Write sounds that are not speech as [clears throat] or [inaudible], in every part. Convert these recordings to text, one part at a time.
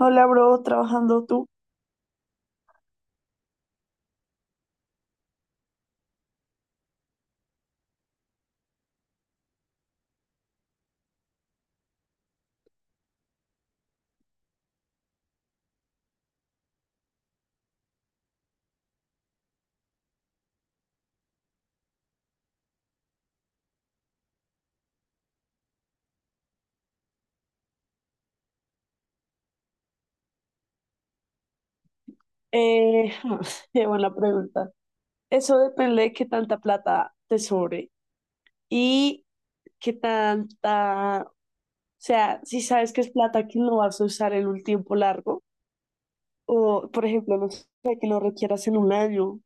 Hola, bro, trabajando tú. Eh, [laughs] qué buena pregunta. Eso depende de qué tanta plata te sobre y qué tanta, o sea, si sabes que es plata que no vas a usar en un tiempo largo, o por ejemplo, no sé, que lo requieras en un año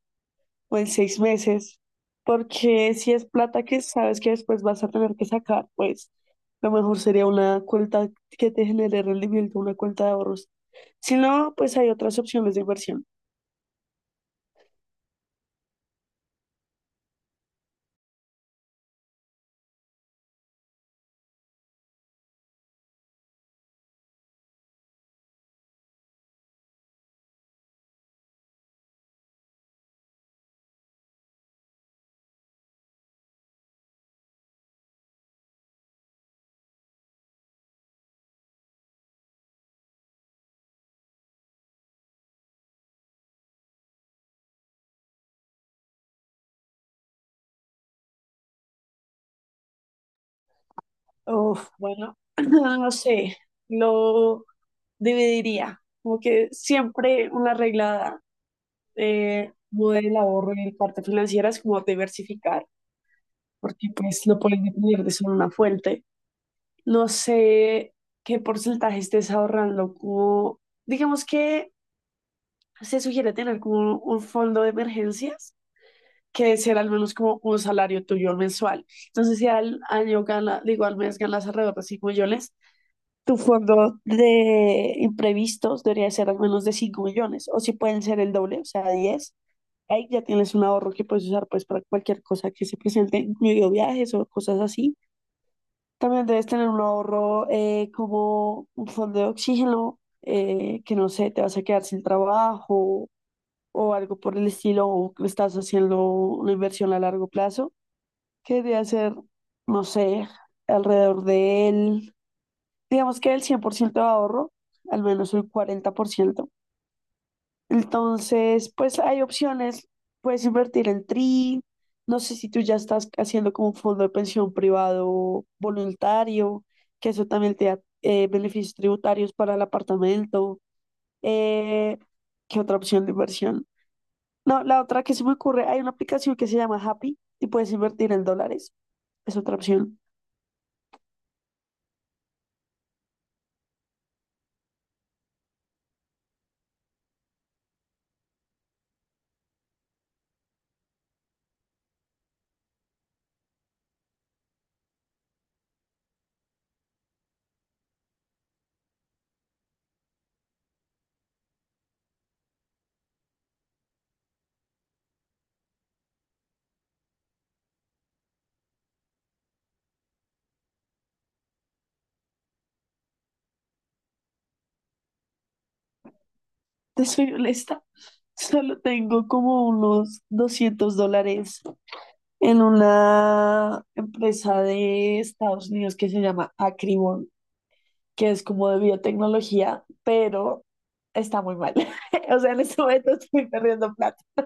o en seis meses, porque si es plata que sabes que después vas a tener que sacar, pues lo mejor sería una cuenta que te genere rendimiento, una cuenta de ahorros. Si no, pues hay otras opciones de inversión. Uf, bueno, [clears throat] no sé, lo dividiría, como que siempre una regla como del ahorro y parte financiera es como diversificar, porque pues no puedes depender de solo una fuente. No sé qué porcentaje estés ahorrando, como digamos que se sugiere tener como un fondo de emergencias que ser al menos como un salario tuyo mensual. Entonces, si al año gana, digo, al mes ganas alrededor de 5 millones, tu fondo de imprevistos debería ser al menos de 5 millones, o si pueden ser el doble, o sea, diez. Ahí ya tienes un ahorro que puedes usar pues para cualquier cosa que se presente, incluido viajes o cosas así. También debes tener un ahorro como un fondo de oxígeno, que no sé, te vas a quedar sin trabajo o algo por el estilo, o estás haciendo una inversión a largo plazo que debe hacer, no sé, alrededor de él, digamos que el 100% de ahorro, al menos el 40%. Entonces, pues hay opciones, puedes invertir en TRI, no sé si tú ya estás haciendo como un fondo de pensión privado voluntario, que eso también te da beneficios tributarios para el apartamento. Eh, ¿Qué otra opción de inversión? No, la otra que se me ocurre, hay una aplicación que se llama Happy y puedes invertir en dólares. Es otra opción. Te soy honesta, solo tengo como unos 200 dólares en una empresa de Estados Unidos que se llama Acribon, que es como de biotecnología, pero está muy mal. [laughs] O sea, en este momento estoy perdiendo plata. [laughs]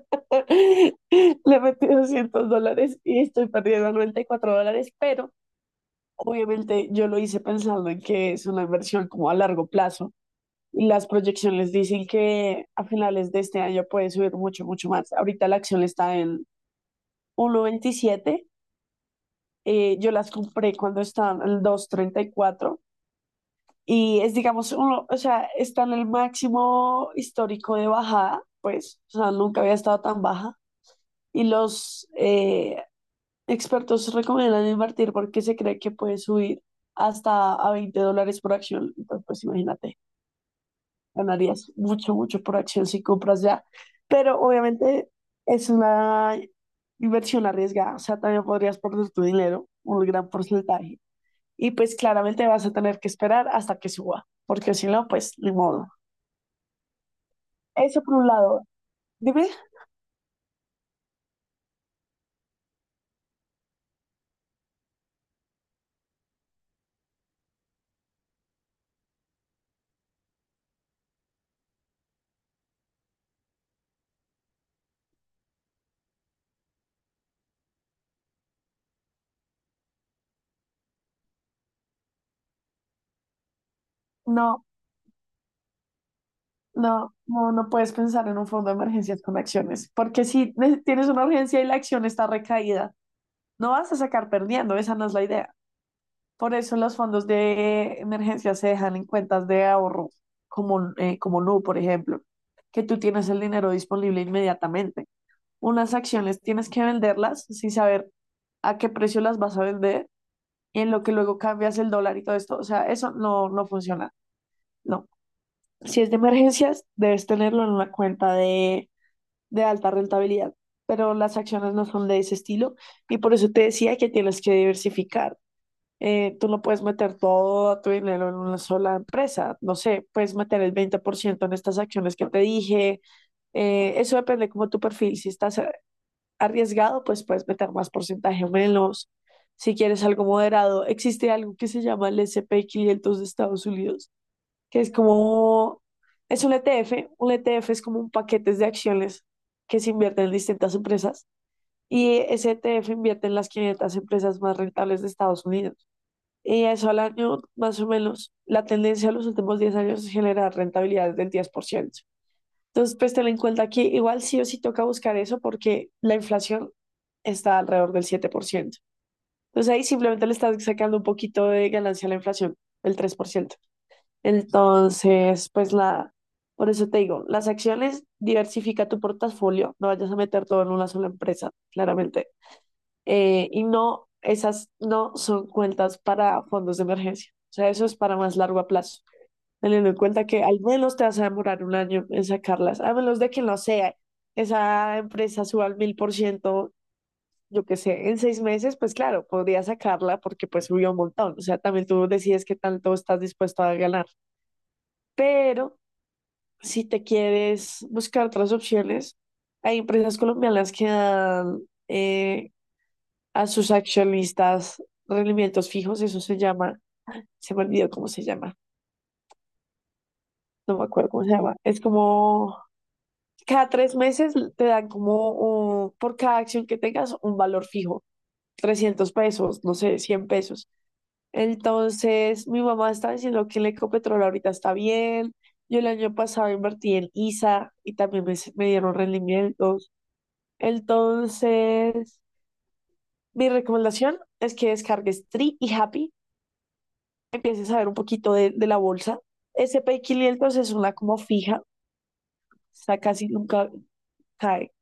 Le metí 200 dólares y estoy perdiendo 94 dólares, pero obviamente yo lo hice pensando en que es una inversión como a largo plazo. Las proyecciones dicen que a finales de este año puede subir mucho, mucho más. Ahorita la acción está en 1.27. Yo las compré cuando estaban en dos punto treinta y cuatro y es, digamos, uno, o sea, está en el máximo histórico de bajada, pues, o sea, nunca había estado tan baja. Y los expertos recomiendan invertir porque se cree que puede subir hasta a 20 dólares por acción. Entonces, pues imagínate. Ganarías mucho, mucho por acción si compras ya. Pero obviamente es una inversión arriesgada. O sea, también podrías perder tu dinero, un gran porcentaje. Y pues claramente vas a tener que esperar hasta que suba, porque si no, pues ni modo. Eso por un lado. Dime, no, no puedes pensar en un fondo de emergencias con acciones, porque si ne- tienes una urgencia y la acción está recaída, no vas a sacar perdiendo, esa no es la idea. Por eso los fondos de emergencia se dejan en cuentas de ahorro, como, como Nu, por ejemplo, que tú tienes el dinero disponible inmediatamente. Unas acciones tienes que venderlas sin saber a qué precio las vas a vender y en lo que luego cambias el dólar y todo esto. O sea, eso no, no funciona. No. Si es de emergencias, debes tenerlo en una cuenta de alta rentabilidad, pero las acciones no son de ese estilo y por eso te decía que tienes que diversificar tú no puedes meter todo tu dinero en una sola empresa. No sé, puedes meter el 20% en estas acciones que te dije. Eso depende como tu perfil. Si estás arriesgado, pues puedes meter más porcentaje o menos. Si quieres algo moderado, existe algo que se llama el S&P quinientos de Estados Unidos, que es como, es un ETF. Un ETF es como un paquete de acciones que se invierten en distintas empresas y ese ETF invierte en las 500 empresas más rentables de Estados Unidos. Y eso al año, más o menos, la tendencia de los últimos 10 años es generar rentabilidades del 10%. Entonces, pues ten en cuenta que igual sí o sí toca buscar eso porque la inflación está alrededor del 7%. Entonces ahí simplemente le estás sacando un poquito de ganancia a la inflación, el 3%. Entonces, pues la, por eso te digo, las acciones, diversifica tu portafolio, no vayas a meter todo en una sola empresa, claramente y no, esas no son cuentas para fondos de emergencia. O sea, eso es para más largo plazo. Teniendo en cuenta que al menos te vas a demorar un año en sacarlas, a menos de que no sea esa empresa suba al mil por ciento, yo qué sé, en seis meses, pues claro, podría sacarla porque pues subió un montón. O sea, también tú decides qué tanto estás dispuesto a ganar. Pero si te quieres buscar otras opciones, hay empresas colombianas que dan eh, a sus accionistas rendimientos fijos, eso se llama, se me olvidó cómo se llama, no me acuerdo cómo se llama, es como cada tres meses te dan como un- por cada acción que tengas un valor fijo, 300 pesos, no sé, 100 pesos. Entonces, mi mamá está diciendo que el Ecopetrol ahorita está bien. Yo el año pasado invertí en ISA y también me dieron rendimientos. Entonces, mi recomendación es que descargues Tree y Happy, empieces a ver un poquito de la bolsa. S&P 500 es una como fija, o sea casi nunca cae.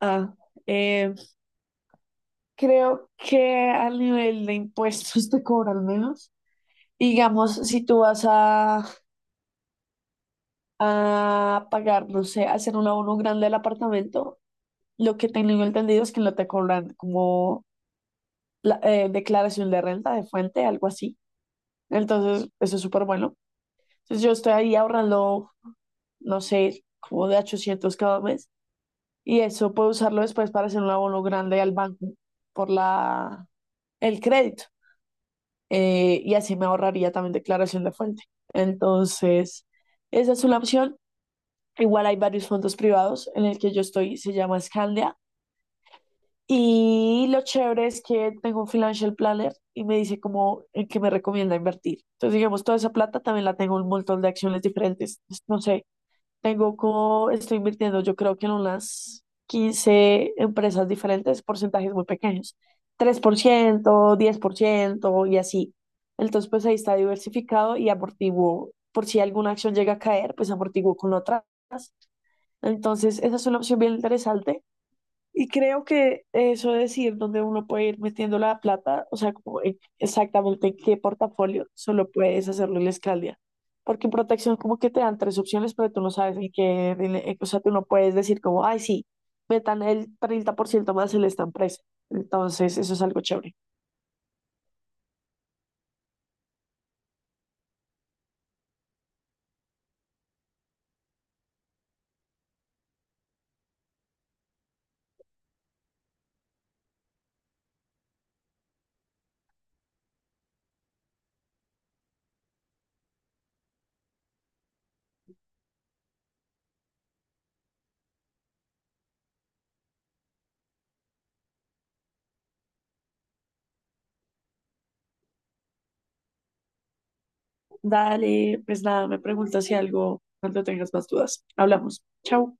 Ah, eh, creo que al nivel de impuestos te cobran menos. Digamos, si tú vas a pagar, no sé, hacer un abono grande del apartamento, lo que tengo entendido es que no te cobran como la, declaración de renta de fuente, algo así. Entonces, eso es súper bueno. Entonces, yo estoy ahí ahorrando, no sé, como de 800 cada mes y eso puede usarlo después para hacer un abono grande al banco por la, el crédito. Y así me ahorraría también declaración de fuente. Entonces, esa es una opción. Igual hay varios fondos privados en el que yo estoy, se llama Scandia. Y lo chévere es que tengo un financial planner y me dice como en qué me recomienda invertir. Entonces, digamos, toda esa plata también la tengo en un montón de acciones diferentes. No sé, tengo como, estoy invirtiendo, yo creo que en unas 15 empresas diferentes, porcentajes muy pequeños, tres por ciento diez por ciento y así. Entonces, pues ahí está diversificado y amortiguo. Por si alguna acción llega a caer, pues amortiguo con otras. Entonces, esa es una opción bien interesante. Y creo que eso de decir dónde uno puede ir metiendo la plata, o sea, como en- exactamente en qué portafolio, solo puedes hacerlo en la Escaldia. Porque en protección como que te dan tres opciones, pero tú no sabes en qué, en- o sea, tú no puedes decir como, ay, sí, metan el 30% más en esta empresa. Entonces, eso es algo chévere. Dale, pues nada, me preguntas si algo cuando tengas más dudas. Hablamos. Chao.